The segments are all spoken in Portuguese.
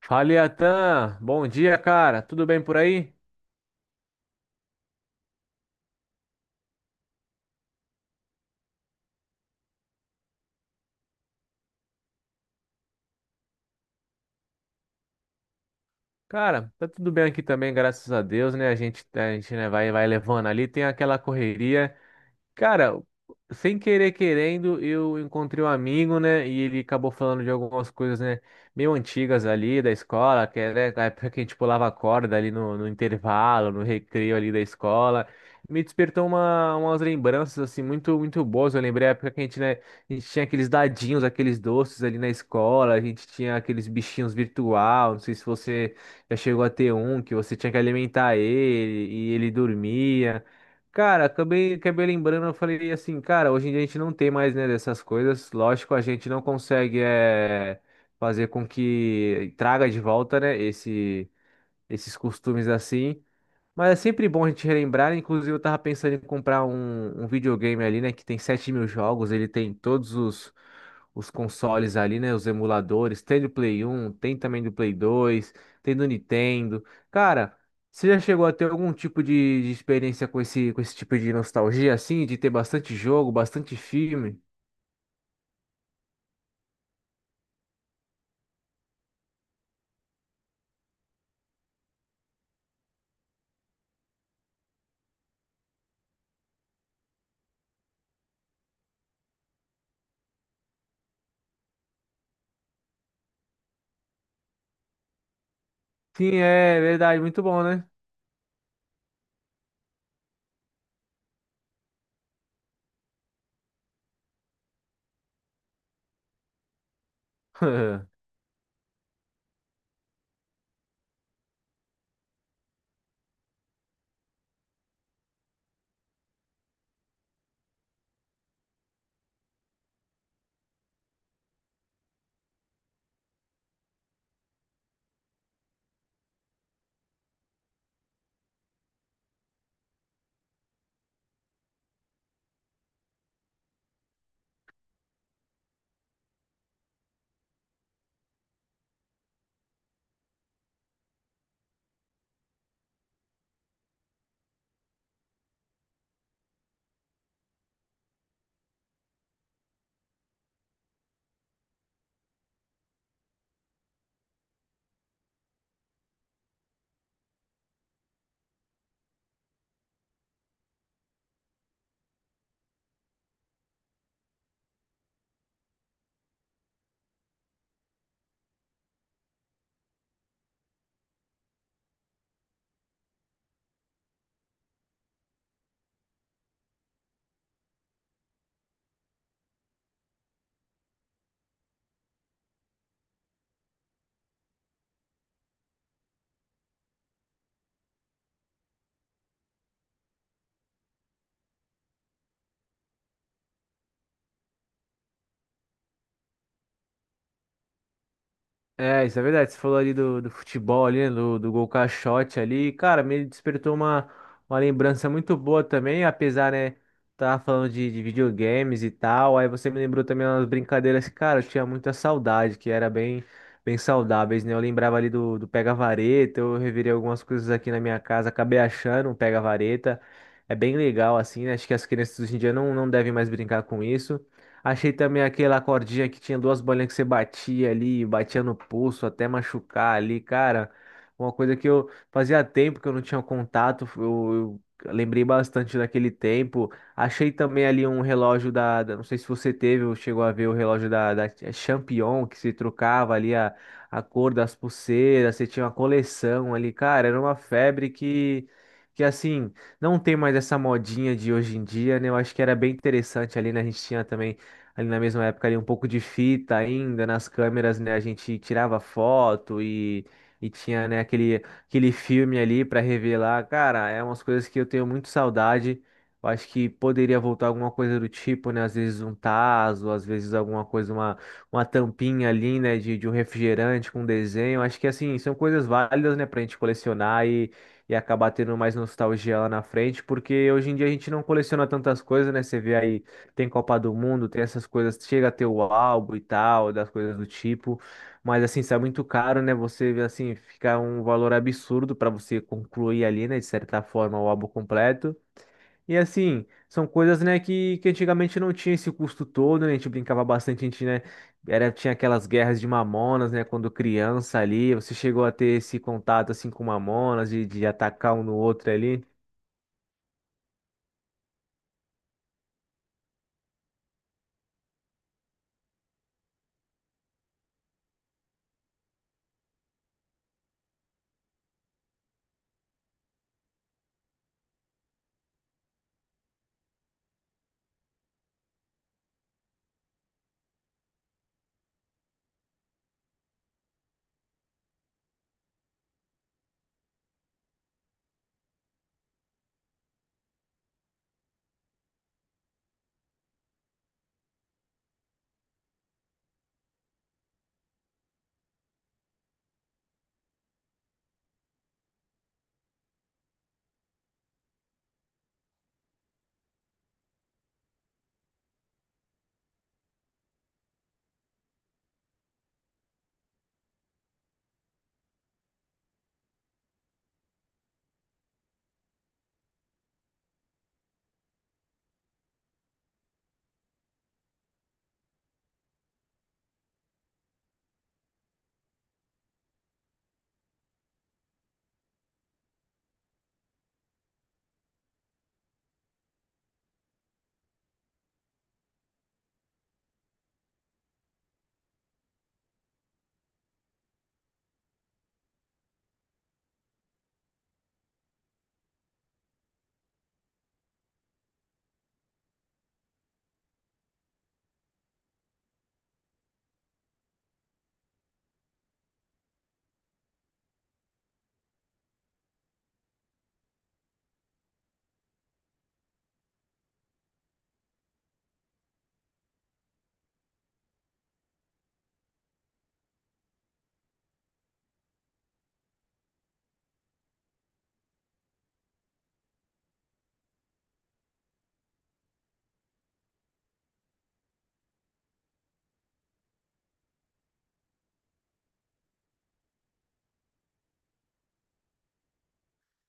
Fala, Iatan. Bom dia, cara. Tudo bem por aí? Cara, tá tudo bem aqui também, graças a Deus, né? A gente, né, vai levando ali, tem aquela correria. Cara, sem querer querendo, eu encontrei um amigo, né? E ele acabou falando de algumas coisas, né? Meio antigas ali da escola, que era a época que a gente pulava corda ali no intervalo, no recreio ali da escola. Me despertou umas lembranças, assim, muito boas. Eu lembrei a época que a gente, né? A gente tinha aqueles dadinhos, aqueles doces ali na escola. A gente tinha aqueles bichinhos virtual. Não sei se você já chegou a ter um, que você tinha que alimentar ele e ele dormia. Cara, acabei lembrando, eu falei assim, cara, hoje em dia a gente não tem mais, né, dessas coisas. Lógico, a gente não consegue é fazer com que traga de volta, né, esses costumes assim. Mas é sempre bom a gente relembrar. Inclusive, eu tava pensando em comprar um videogame ali, né? Que tem 7.000 jogos, ele tem todos os consoles ali, né? Os emuladores. Tem do Play 1, tem também do Play 2, tem do Nintendo. Cara, você já chegou a ter algum tipo de experiência com com esse tipo de nostalgia, assim? De ter bastante jogo, bastante filme? Sim, é verdade, muito bom, né? É, isso é verdade. Você falou ali do futebol ali, né, do gol caixote ali. Cara, me despertou uma lembrança muito boa também, apesar, né, tava falando de videogames e tal. Aí você me lembrou também umas brincadeiras que, cara, eu tinha muita saudade, que era bem saudáveis, né? Eu lembrava ali do pega-vareta, eu revirei algumas coisas aqui na minha casa, acabei achando um pega-vareta. É bem legal, assim, né? Acho que as crianças hoje em dia não devem mais brincar com isso. Achei também aquela cordinha que tinha duas bolinhas que você batia ali, batia no pulso até machucar ali, cara. Uma coisa que eu fazia tempo que eu não tinha contato, eu lembrei bastante daquele tempo. Achei também ali um relógio da não sei se você teve ou chegou a ver o relógio da Champion, que se trocava ali a cor das pulseiras, você tinha uma coleção ali, cara, era uma febre que assim, não tem mais essa modinha de hoje em dia, né? Eu acho que era bem interessante ali, né? A gente tinha também ali na mesma época ali um pouco de fita ainda nas câmeras, né? A gente tirava foto e tinha, né, aquele filme ali para revelar. Cara, é umas coisas que eu tenho muito saudade. Eu acho que poderia voltar alguma coisa do tipo, né? Às vezes um tazo, às vezes alguma coisa, uma tampinha ali, né? De um refrigerante com desenho. Acho que assim, são coisas válidas, né, pra gente colecionar e acabar tendo mais nostalgia lá na frente, porque hoje em dia a gente não coleciona tantas coisas, né? Você vê aí tem Copa do Mundo, tem essas coisas, chega a ter o álbum e tal, das coisas do tipo, mas assim, isso é muito caro, né? Você assim, fica um valor absurdo para você concluir ali, né, de certa forma, o álbum completo. E assim, são coisas, né, que antigamente não tinha esse custo todo, né? A gente brincava bastante, a gente, né, era, tinha aquelas guerras de Mamonas, né, quando criança ali, você chegou a ter esse contato, assim, com Mamonas, de atacar um no outro ali.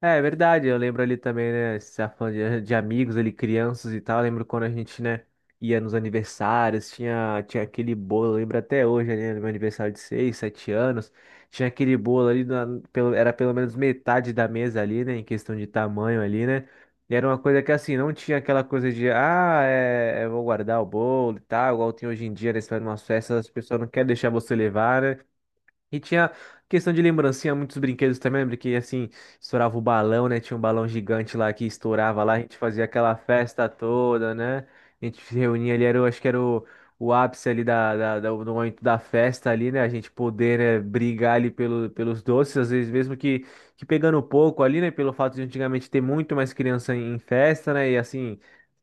É, é verdade, eu lembro ali também, né, você tá falando de amigos ali, crianças e tal, eu lembro quando a gente, né, ia nos aniversários, tinha aquele bolo, eu lembro até hoje, né, no meu aniversário de 6, 7 anos, tinha aquele bolo ali, pelo, era pelo menos metade da mesa ali, né, em questão de tamanho ali, né, e era uma coisa que assim, não tinha aquela coisa de, ah, é, eu vou guardar o bolo e tal, igual tem hoje em dia, né, você vai numa festa, as pessoas não querem deixar você levar, né, e tinha questão de lembrancinha, muitos brinquedos também, lembra que assim, estourava o balão, né? Tinha um balão gigante lá que estourava lá, a gente fazia aquela festa toda, né? A gente se reunia ali, era, acho que era o ápice ali da do momento da festa ali, né? A gente poder, né, brigar ali pelo, pelos doces, às vezes mesmo que pegando pouco ali, né? Pelo fato de antigamente ter muito mais criança em festa, né? E assim,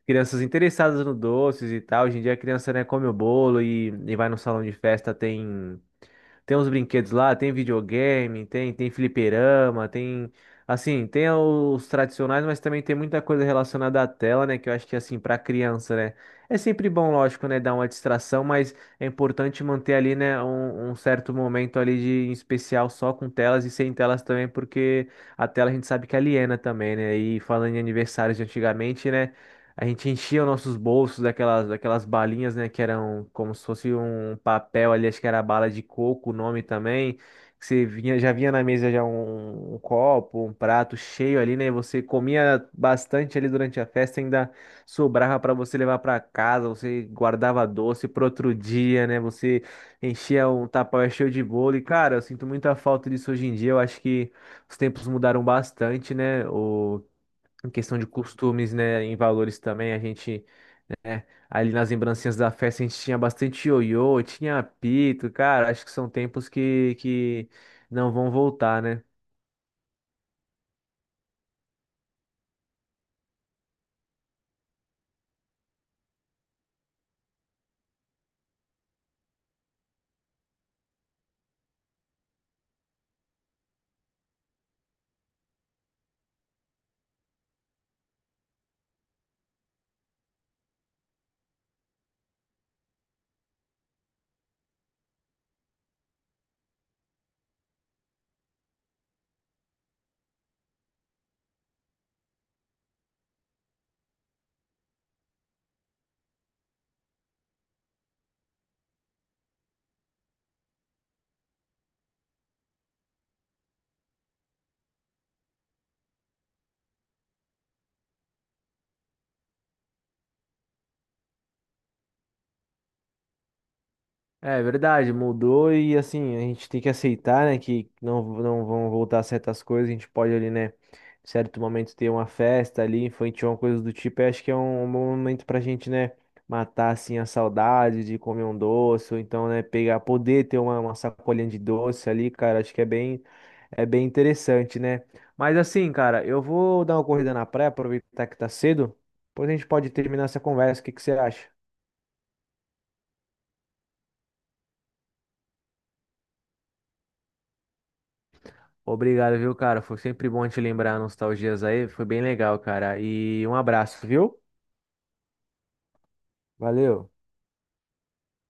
crianças interessadas no doces e tal. Hoje em dia a criança, né, come o bolo e vai no salão de festa, tem. Tem uns brinquedos lá, tem videogame, tem, tem fliperama, tem. Assim, tem os tradicionais, mas também tem muita coisa relacionada à tela, né? Que eu acho que, assim, para criança, né? É sempre bom, lógico, né? Dar uma distração, mas é importante manter ali, né? Um certo momento ali de em especial só com telas e sem telas também, porque a tela a gente sabe que aliena também, né? E falando em aniversários de antigamente, né? A gente enchia os nossos bolsos daquelas balinhas, né? Que eram como se fosse um papel ali, acho que era bala de coco, o nome também. Que você vinha, já vinha na mesa já um copo, um prato cheio ali, né? Você comia bastante ali durante a festa, ainda sobrava para você levar para casa, você guardava doce para outro dia, né? Você enchia um tapaué cheio de bolo. E, cara, eu sinto muita falta disso hoje em dia. Eu acho que os tempos mudaram bastante, né? O em questão de costumes, né, em valores também, a gente, ali nas lembrancinhas da festa, a gente tinha bastante ioiô, tinha apito, cara, acho que são tempos que não vão voltar, né? É verdade, mudou e assim, a gente tem que aceitar, né, que não vão voltar certas coisas, a gente pode ali, né, em certo momento ter uma festa ali, infantil, uma coisa do tipo, e acho que é um bom momento pra gente, né, matar assim a saudade de comer um doce, ou então, né, pegar, poder ter uma sacolinha de doce ali, cara, acho que é é bem interessante, né? Mas assim, cara, eu vou dar uma corrida na praia, aproveitar que tá cedo, depois a gente pode terminar essa conversa, o que que você acha? Obrigado, viu, cara? Foi sempre bom te lembrar nostalgias aí. Foi bem legal, cara. E um abraço, viu? Valeu.